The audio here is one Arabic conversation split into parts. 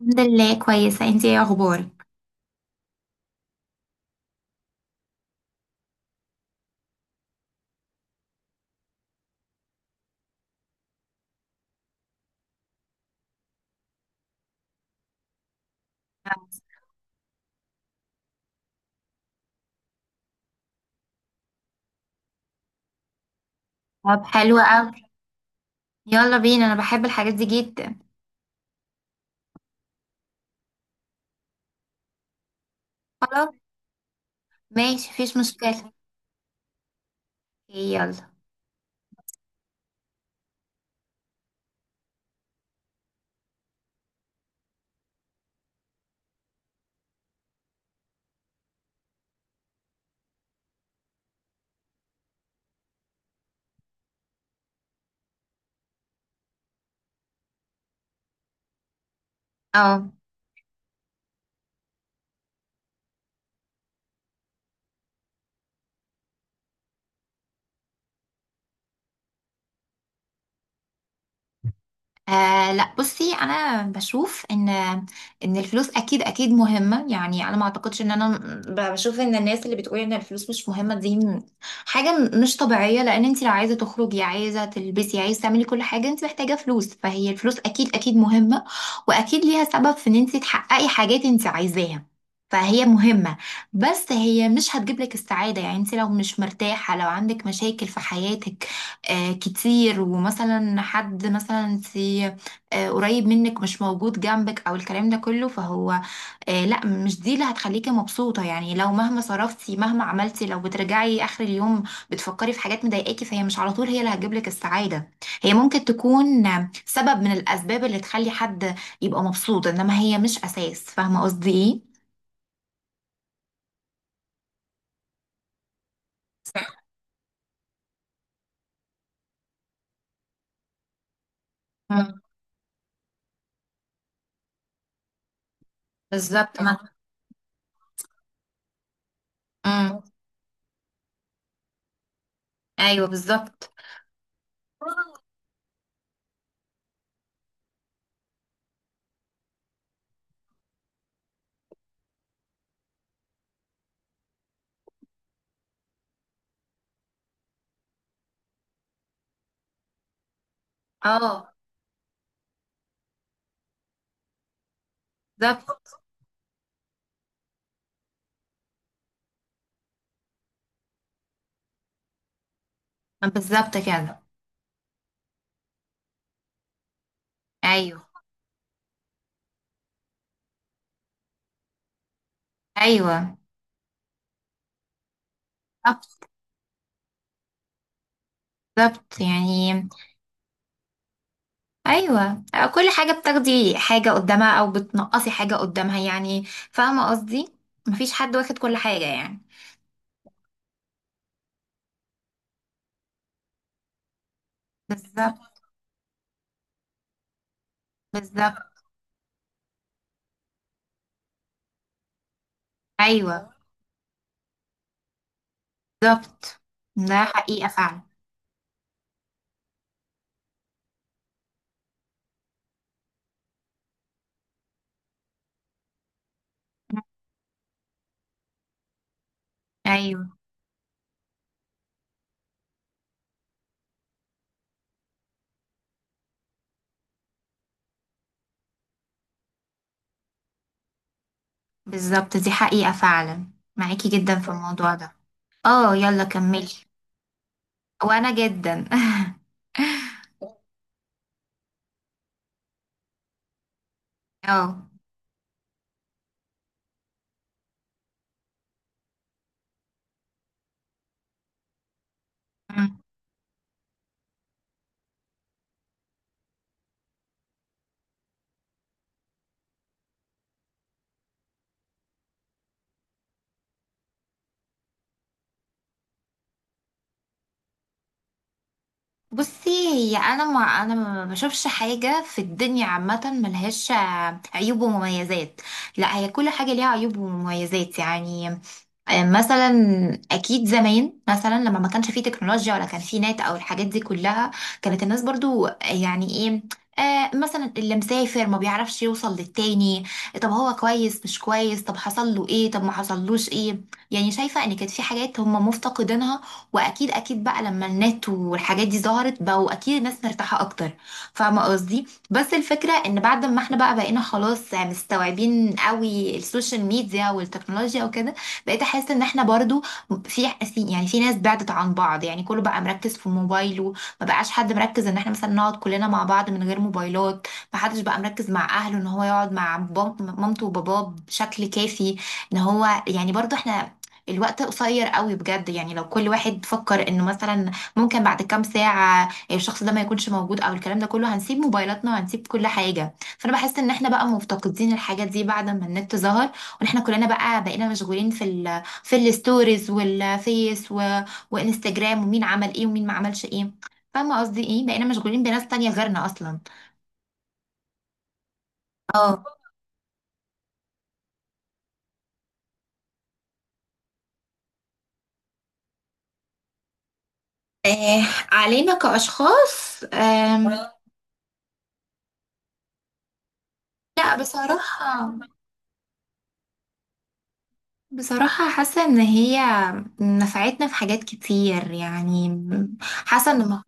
الحمد لله كويسة، انتي ايه اخبارك؟ طب حلو قوي. يلا بينا، انا بحب الحاجات دي جدا. خلاص، ماشي مفيش مشكلة. اوكي، يلا. اه. لا بصي، انا بشوف ان الفلوس اكيد مهمه، يعني انا ما اعتقدش ان انا بشوف ان الناس اللي بتقول ان الفلوس مش مهمه حاجه مش طبيعيه، لان انت لو عايزه تخرجي، عايزه تلبسي، عايزه تعملي كل حاجه، انت محتاجه فلوس، فهي الفلوس اكيد مهمه. واكيد ليها سبب في ان انت تحققي حاجات انت عايزاها، فهي مهمة. بس هي مش هتجيب لك السعادة، يعني انت لو مش مرتاحة، لو عندك مشاكل في حياتك، آه، كتير، ومثلا حد مثلا سي آه، قريب منك مش موجود جنبك او الكلام ده كله، فهو لا، مش دي اللي هتخليكي مبسوطة. يعني لو مهما صرفتي مهما عملتي، لو بترجعي اخر اليوم بتفكري في حاجات مضايقاكي، فهي مش على طول هي اللي هتجيبلك السعادة. هي ممكن تكون سبب من الاسباب اللي تخلي حد يبقى مبسوط، انما هي مش اساس. فاهمة قصدي ايه؟ مم. بالظبط. ما مم. ايوه بالظبط. اه. بالظبط. بالظبط كده. ايوه. ايوه بالظبط. بالظبط. يعني ايوه، كل حاجه بتاخدي حاجه قدامها او بتنقصي حاجه قدامها، يعني فاهمه قصدي، مفيش حد واخد كل حاجه يعني. بالظبط. بالظبط. ايوه. بالظبط. ده حقيقه فعلا. ايوه. بالظبط. دي حقيقه فعلا، معاكي جدا في الموضوع ده. اه يلا كملي. وانا جدا اه بصي، هي انا ما انا ما بشوفش حاجه في الدنيا عامه ملهاش عيوب ومميزات. لا، هي كل حاجه ليها عيوب ومميزات. يعني آه، مثلا اكيد زمان مثلا لما ما كانش فيه تكنولوجيا ولا كان فيه نت او الحاجات دي كلها، كانت الناس برضو آه، يعني ايه، مثلا اللي مسافر ما بيعرفش يوصل للتاني، طب هو كويس مش كويس، طب حصل له ايه، طب ما حصلوش ايه. يعني شايفة ان كانت في حاجات هم مفتقدينها، واكيد بقى لما النت والحاجات دي ظهرت، بقوا اكيد الناس مرتاحة اكتر. فاهمة قصدي؟ بس الفكرة ان بعد ما احنا بقى بقينا خلاص مستوعبين قوي السوشيال ميديا والتكنولوجيا وكده، بقيت احس ان احنا برضو في ناس بعدت عن بعض، يعني كله بقى مركز في موبايله، ما بقاش حد مركز ان احنا مثلا نقعد كلنا مع بعض من غير موبايلات. ما حدش بقى مركز مع اهله ان هو يقعد مع مامته وباباه بشكل كافي، ان هو يعني برضو احنا الوقت قصير قوي بجد. يعني لو كل واحد فكر انه مثلا ممكن بعد كام ساعة الشخص ده ما يكونش موجود او الكلام ده كله، هنسيب موبايلاتنا وهنسيب كل حاجة. فانا بحس ان احنا بقى مفتقدين الحاجات دي بعد ما النت ظهر، احنا كلنا بقى بقينا مشغولين في الستوريز والفيس وانستجرام، ومين عمل ايه ومين ما عملش ايه. فاهمه قصدي ايه؟ بقينا مشغولين بناس تانية غيرنا اصلا. اه. آه، علينا كأشخاص؟ لا بصراحة، بصراحة حاسة ان هي نفعتنا في حاجات كتير يعني. حاسة ان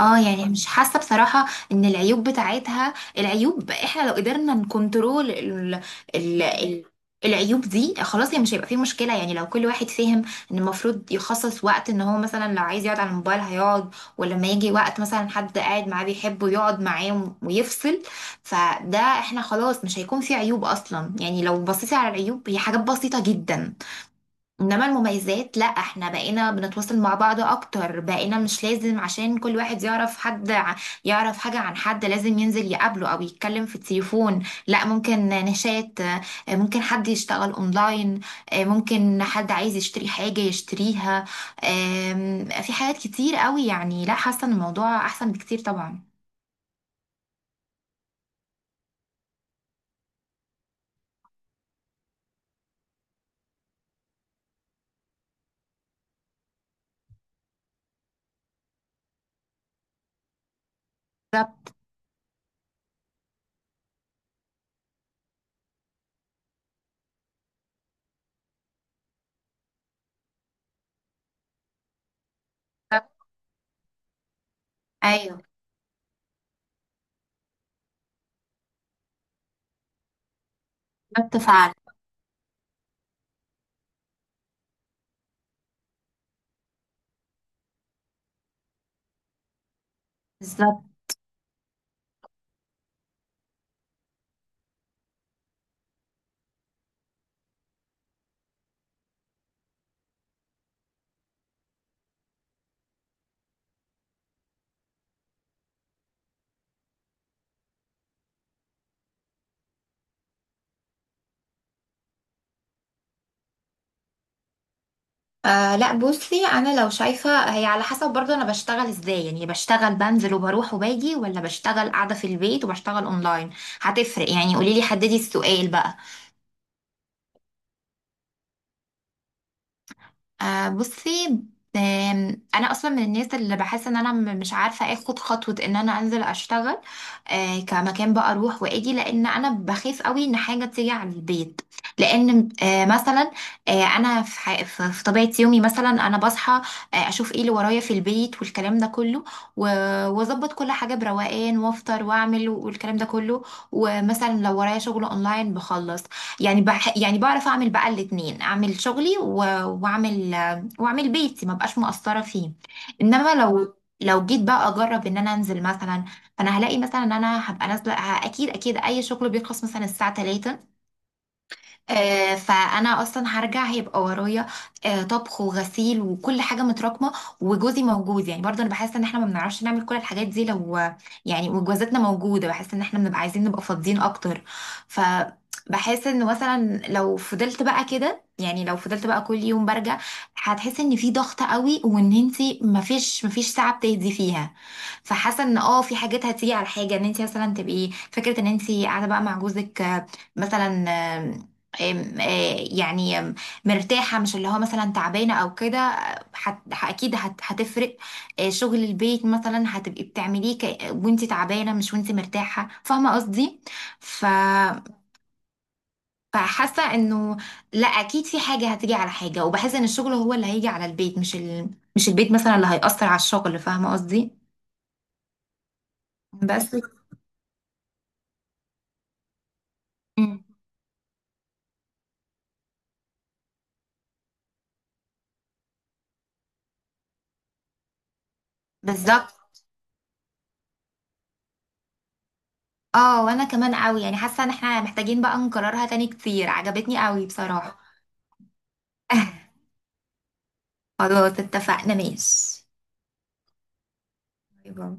اه، يعني مش حاسه بصراحه ان العيوب بتاعتها، العيوب احنا لو قدرنا نكنترول ال... ال... العيوب دي، خلاص، هي مش هيبقى فيه مشكله. يعني لو كل واحد فهم ان المفروض يخصص وقت، ان هو مثلا لو عايز يقعد على الموبايل هيقعد، ولما يجي وقت مثلا حد قاعد معاه بيحبه، يقعد معاه ويفصل. فده احنا خلاص مش هيكون فيه عيوب اصلا. يعني لو بصيتي على العيوب، هي حاجات بسيطه جدا. انما المميزات لا، احنا بقينا بنتواصل مع بعض اكتر، بقينا مش لازم عشان كل واحد يعرف حد يعرف حاجة عن حد، لازم ينزل يقابله او يتكلم في التليفون. لا، ممكن نشات، آه، ممكن حد يشتغل اونلاين، آه، ممكن حد عايز يشتري حاجة يشتريها. آم، في حاجات كتير قوي يعني، لا، حاسة ان الموضوع احسن بكتير طبعا. بالظبط. ايوه. بالظبط فعلا. بالظبط. لا بصي، انا لو شايفه، هي على حسب برضه انا بشتغل ازاي. يعني بشتغل بنزل وبروح وباجي، ولا بشتغل قاعده في البيت وبشتغل اونلاين، هتفرق. يعني قولي لي حددي السؤال بقى. آه بصي، انا اصلا من الناس اللي بحس ان انا مش عارفه اخد خطوه ان انا انزل اشتغل كمكان بقى، اروح واجي، لان انا بخاف قوي ان حاجه تيجي على البيت. لان آه مثلا، آه انا في, ح- في في طبيعه يومي مثلا انا بصحى، آه اشوف ايه اللي ورايا في البيت والكلام ده كله، و- واظبط كل حاجه بروقان، وافطر واعمل والكلام ده كله. ومثلا لو ورايا شغل اونلاين بخلص، يعني بح يعني بعرف اعمل بقى الاتنين، اعمل شغلي واعمل واعمل بيتي، ما بقاش مقصرة فيه. انما لو جيت بقى اجرب ان انا انزل مثلا، فانا هلاقي مثلا ان انا هبقى نازله، اكيد اي شغل بيخلص مثلا الساعه 3، آه، فانا اصلا هرجع هيبقى ورايا آه، طبخ وغسيل وكل حاجه متراكمه، وجوزي موجود. يعني برضه انا بحس ان احنا ما بنعرفش نعمل كل الحاجات دي لو، يعني وجوازاتنا موجوده، بحس ان احنا بنبقى عايزين نبقى فاضيين اكتر. ف بحس ان مثلا لو فضلت بقى كده، يعني لو فضلت بقى كل يوم برجع، هتحس ان في ضغط قوي، وان انتي مفيش ساعه بتهدي فيها. فحاسه ان اه في حاجات هتيجي على حاجه، ان انت مثلا تبقي فكره ان انت قاعده بقى مع جوزك، آه، مثلا أم- آه، يعني أم، مرتاحة، مش اللي هو مثلا تعبانة أو كده. آه، أكيد هتفرق. آه، شغل البيت مثلا هتبقي بتعمليه وانتي تعبانة، مش وانتي مرتاحة، فاهمة قصدي؟ ف... فحاسة إنه لا، أكيد في حاجة هتيجي على حاجة، وبحس إن الشغل هو اللي هيجي على البيت، مش مش البيت مثلا اللي هيأثر على الشغل، فاهمة قصدي؟ بس مم. بالظبط. اه وانا كمان قوي. يعني حاسه ان احنا محتاجين بقى نكررها تاني كتير، عجبتني قوي بصراحه. خلاص اتفقنا، ماشي. باي باي.